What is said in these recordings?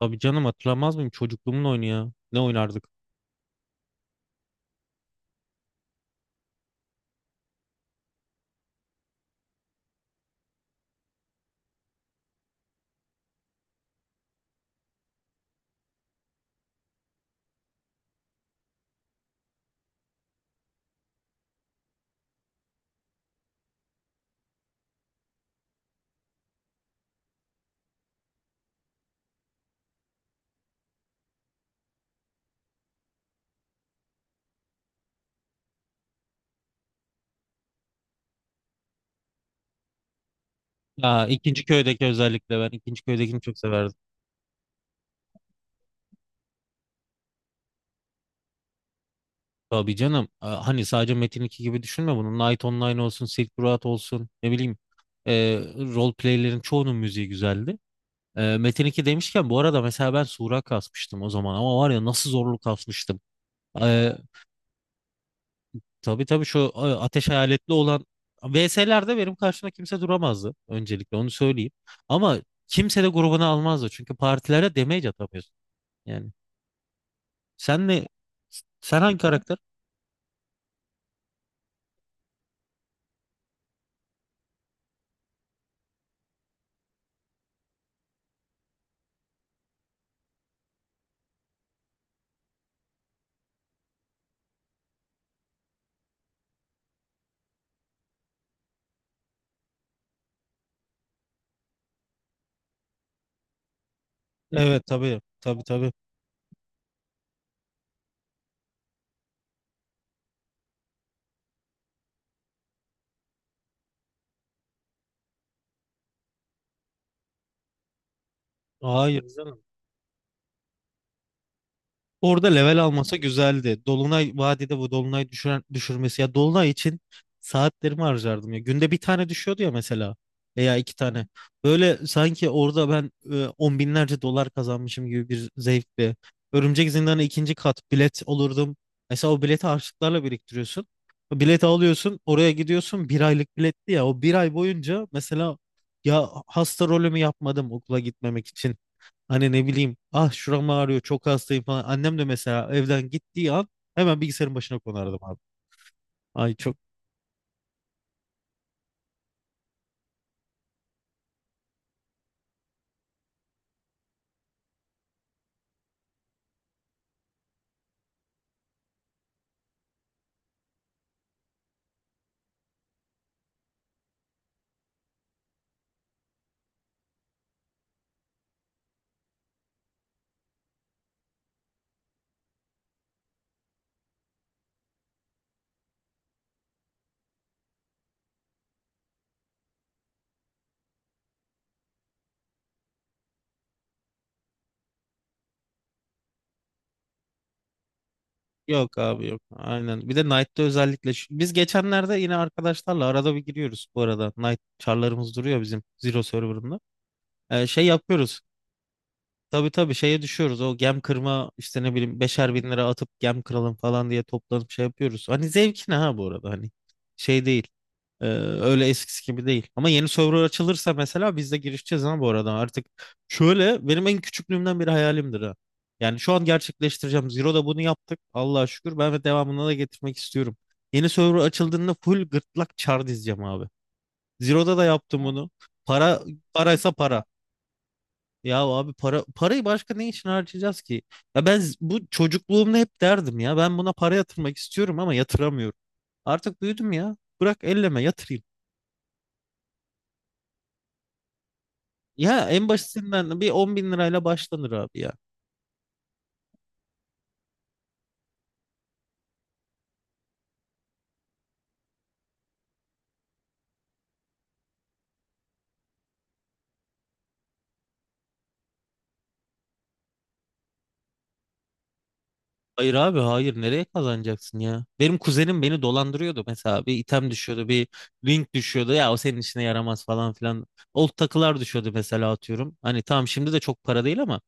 Tabii canım, hatırlamaz mıyım? Çocukluğumun oyunu ya. Ne oynardık? Aa, ikinci köydeki, özellikle ben ikinci köydekini çok severdim. Tabii canım. Aa, hani sadece Metin 2 gibi düşünme bunu. Night Online olsun, Silk Road olsun. Ne bileyim. Ee, role play'lerin çoğunun müziği güzeldi. Metin 2 demişken bu arada, mesela ben Sura kasmıştım o zaman. Ama var ya, nasıl zorluk kasmıştım. E, Tabii tabii, şu ateş hayaletli olan VS'lerde benim karşımda kimse duramazdı, öncelikle onu söyleyeyim. Ama kimse de grubuna almazdı çünkü partilere damage atamıyorsun. Yani sen ne sen hangi karakter? Evet, tabii tabii tabii. Hayır. Orada level almasa güzeldi. Dolunay vadide, bu dolunay düşürmesi ya, dolunay için saatlerimi harcardım ya. Günde bir tane düşüyordu ya, mesela, veya iki tane. Böyle sanki orada ben on binlerce dolar kazanmışım gibi bir zevkle. Örümcek Zindanı ikinci kat bilet olurdum. Mesela o bileti harçlıklarla biriktiriyorsun. O bileti alıyorsun, oraya gidiyorsun. Bir aylık biletti ya. O bir ay boyunca mesela ya hasta rolümü yapmadım okula gitmemek için. Hani ne bileyim, ah şuram ağrıyor çok hastayım falan. Annem de mesela evden gittiği an hemen bilgisayarın başına konardım abi. Ay çok, yok abi yok. Aynen. Bir de Knight'ta özellikle biz geçenlerde yine arkadaşlarla arada bir giriyoruz bu arada. Knight çarlarımız duruyor bizim Zero Server'ında. Şey yapıyoruz. Tabii tabii, şeye düşüyoruz. O gem kırma işte, ne bileyim, beşer bin lira atıp gem kıralım falan diye toplanıp şey yapıyoruz. Hani zevkine ha, bu arada, hani şey değil. Ee, öyle eskisi gibi değil. Ama yeni server açılırsa mesela biz de girişeceğiz ha, bu arada, artık. Şöyle, benim en küçüklüğümden beri hayalimdir ha. Yani şu an gerçekleştireceğim. Zero'da bunu yaptık, Allah'a şükür. Ben ve devamını da getirmek istiyorum. Yeni server açıldığında full gırtlak çar dizeceğim abi. Zero'da da yaptım bunu. Para paraysa para. Ya abi, para parayı başka ne için harcayacağız ki? Ya ben bu çocukluğumda hep derdim ya, ben buna para yatırmak istiyorum ama yatıramıyorum. Artık büyüdüm ya. Bırak elleme, yatırayım. Ya en basitinden bir 10 bin lirayla başlanır abi ya. Hayır abi hayır, nereye kazanacaksın ya? Benim kuzenim beni dolandırıyordu, mesela bir item düşüyordu, bir link düşüyordu ya, o senin işine yaramaz falan filan. Old takılar düşüyordu mesela, atıyorum. Hani tamam, şimdi de çok para değil ama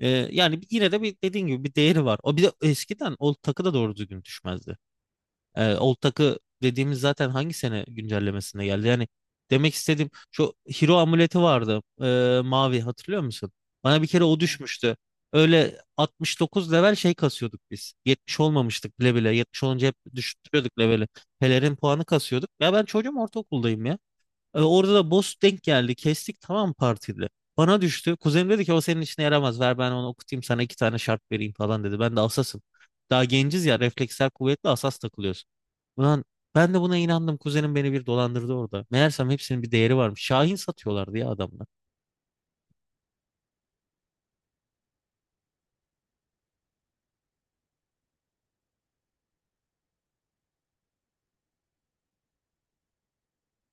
yani yine de, bir dediğin gibi, bir değeri var. O bir de eskiden old takı da doğru düzgün düşmezdi. Old Tak'ı dediğimiz zaten hangi sene güncellemesinde geldi? Yani demek istediğim şu, Hero amuleti vardı, mavi, hatırlıyor musun? Bana bir kere o düşmüştü. Öyle 69 level şey kasıyorduk biz. 70 olmamıştık bile bile. 70 olunca hep düşürüyorduk leveli. Pelerin puanı kasıyorduk. Ya ben çocuğum, ortaokuldayım ya. Orada da boss denk geldi. Kestik, tamam, partide. Bana düştü. Kuzenim dedi ki, o senin işine yaramaz, ver ben onu okutayım, sana iki tane şart vereyim falan dedi. Ben de asasım. Daha genciz ya, refleksler kuvvetli, asas takılıyoruz. Ulan, ben de buna inandım. Kuzenim beni bir dolandırdı orada. Meğersem hepsinin bir değeri varmış. Şahin satıyorlardı ya adamlar.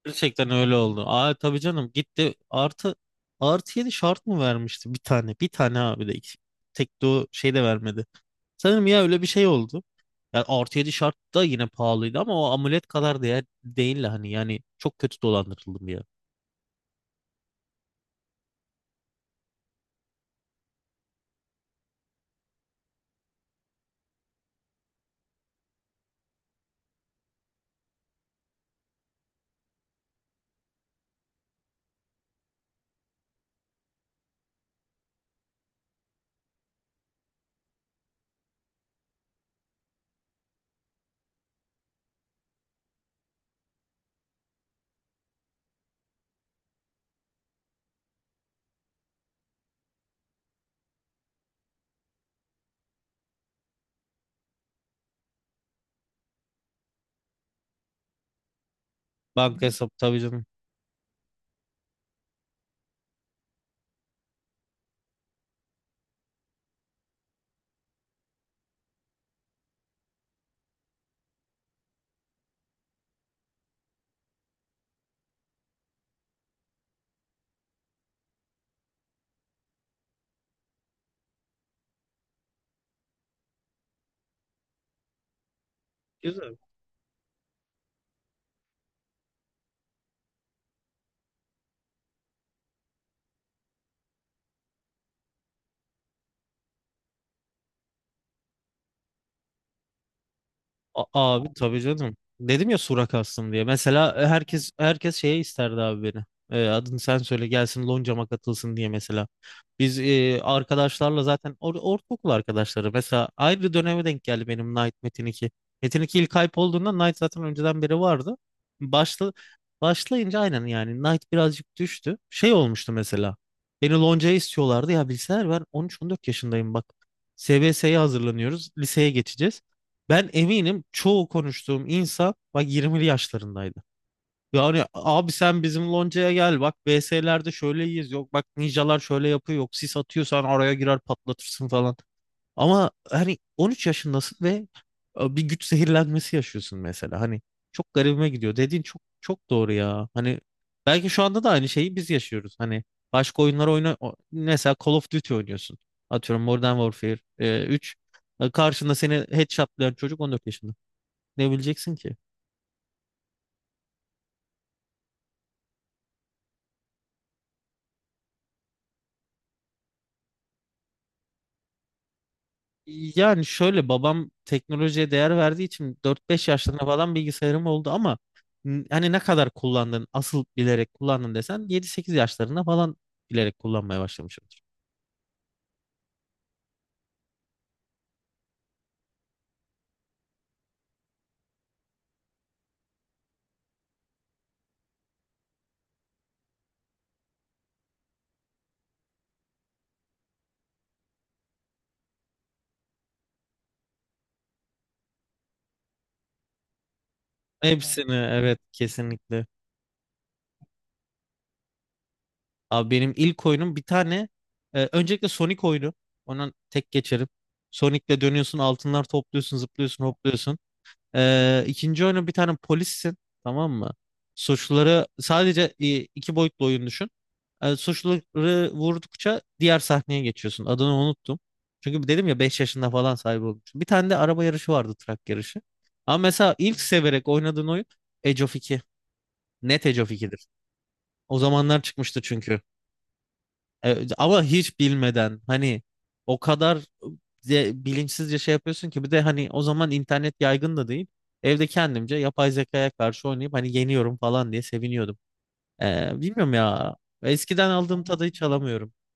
Gerçekten öyle oldu. Aa, tabii canım, gitti. Artı, artı 7 şart mı vermişti bir tane? Bir tane abi, de tek şey de vermedi. Sanırım ya, öyle bir şey oldu. Yani +7 şart da yine pahalıydı ama o amulet kadar değer değil hani, yani çok kötü dolandırıldım ya. Banka hesabı, tabii canım. Güzel. Abi, tabii canım. Dedim ya Surak aslında diye. Mesela herkes şeye isterdi abi beni. Adını sen söyle gelsin loncama katılsın diye mesela. Biz arkadaşlarla zaten ortaokul arkadaşları. Mesela ayrı döneme denk geldi benim Knight Metin 2. Metin 2 ilk hype olduğunda Knight zaten önceden beri vardı. Başla başlayınca aynen yani Knight birazcık düştü. Şey olmuştu mesela. Beni loncaya istiyorlardı ya, bilseler ben 13 14 yaşındayım bak. SBS'ye hazırlanıyoruz. Liseye geçeceğiz. Ben eminim çoğu konuştuğum insan, bak, 20'li yaşlarındaydı. Yani abi sen bizim loncaya gel, bak BS'lerde şöyleyiz, yok bak ninjalar şöyle yapıyor, yok sis atıyorsan araya girer patlatırsın falan. Ama hani 13 yaşındasın ve bir güç zehirlenmesi yaşıyorsun mesela. Hani çok garibime gidiyor. Dediğin çok çok doğru ya. Hani belki şu anda da aynı şeyi biz yaşıyoruz. Hani başka oyunlar oyna, mesela Call of Duty oynuyorsun. Atıyorum Modern Warfare 3. Karşında seni headshotlayan çocuk 14 yaşında. Ne bileceksin ki? Yani şöyle, babam teknolojiye değer verdiği için 4-5 yaşlarında falan bilgisayarım oldu ama hani ne kadar kullandın, asıl bilerek kullandın desen 7-8 yaşlarında falan bilerek kullanmaya başlamışımdır. Ha. Hepsini, evet, kesinlikle. Abi benim ilk oyunum bir tane, öncelikle Sonic oyunu. Ondan tek geçerim. Sonic'le dönüyorsun, altınlar topluyorsun, zıplıyorsun, hopluyorsun. İkinci oyunu, bir tane polissin, tamam mı? Suçluları, sadece 2 boyutlu oyun düşün. Suçluları vurdukça diğer sahneye geçiyorsun. Adını unuttum. Çünkü dedim ya, 5 yaşında falan sahibi olmuştum. Bir tane de araba yarışı vardı, trak yarışı. Ama mesela ilk severek oynadığın oyun Age of 2. Net Age of 2'dir. O zamanlar çıkmıştı çünkü. Ama hiç bilmeden hani, o kadar bilinçsizce şey yapıyorsun ki, bir de hani o zaman internet yaygın da değil. Evde kendimce yapay zekaya karşı oynayıp hani yeniyorum falan diye seviniyordum. Bilmiyorum ya. Eskiden aldığım tadı hiç alamıyorum.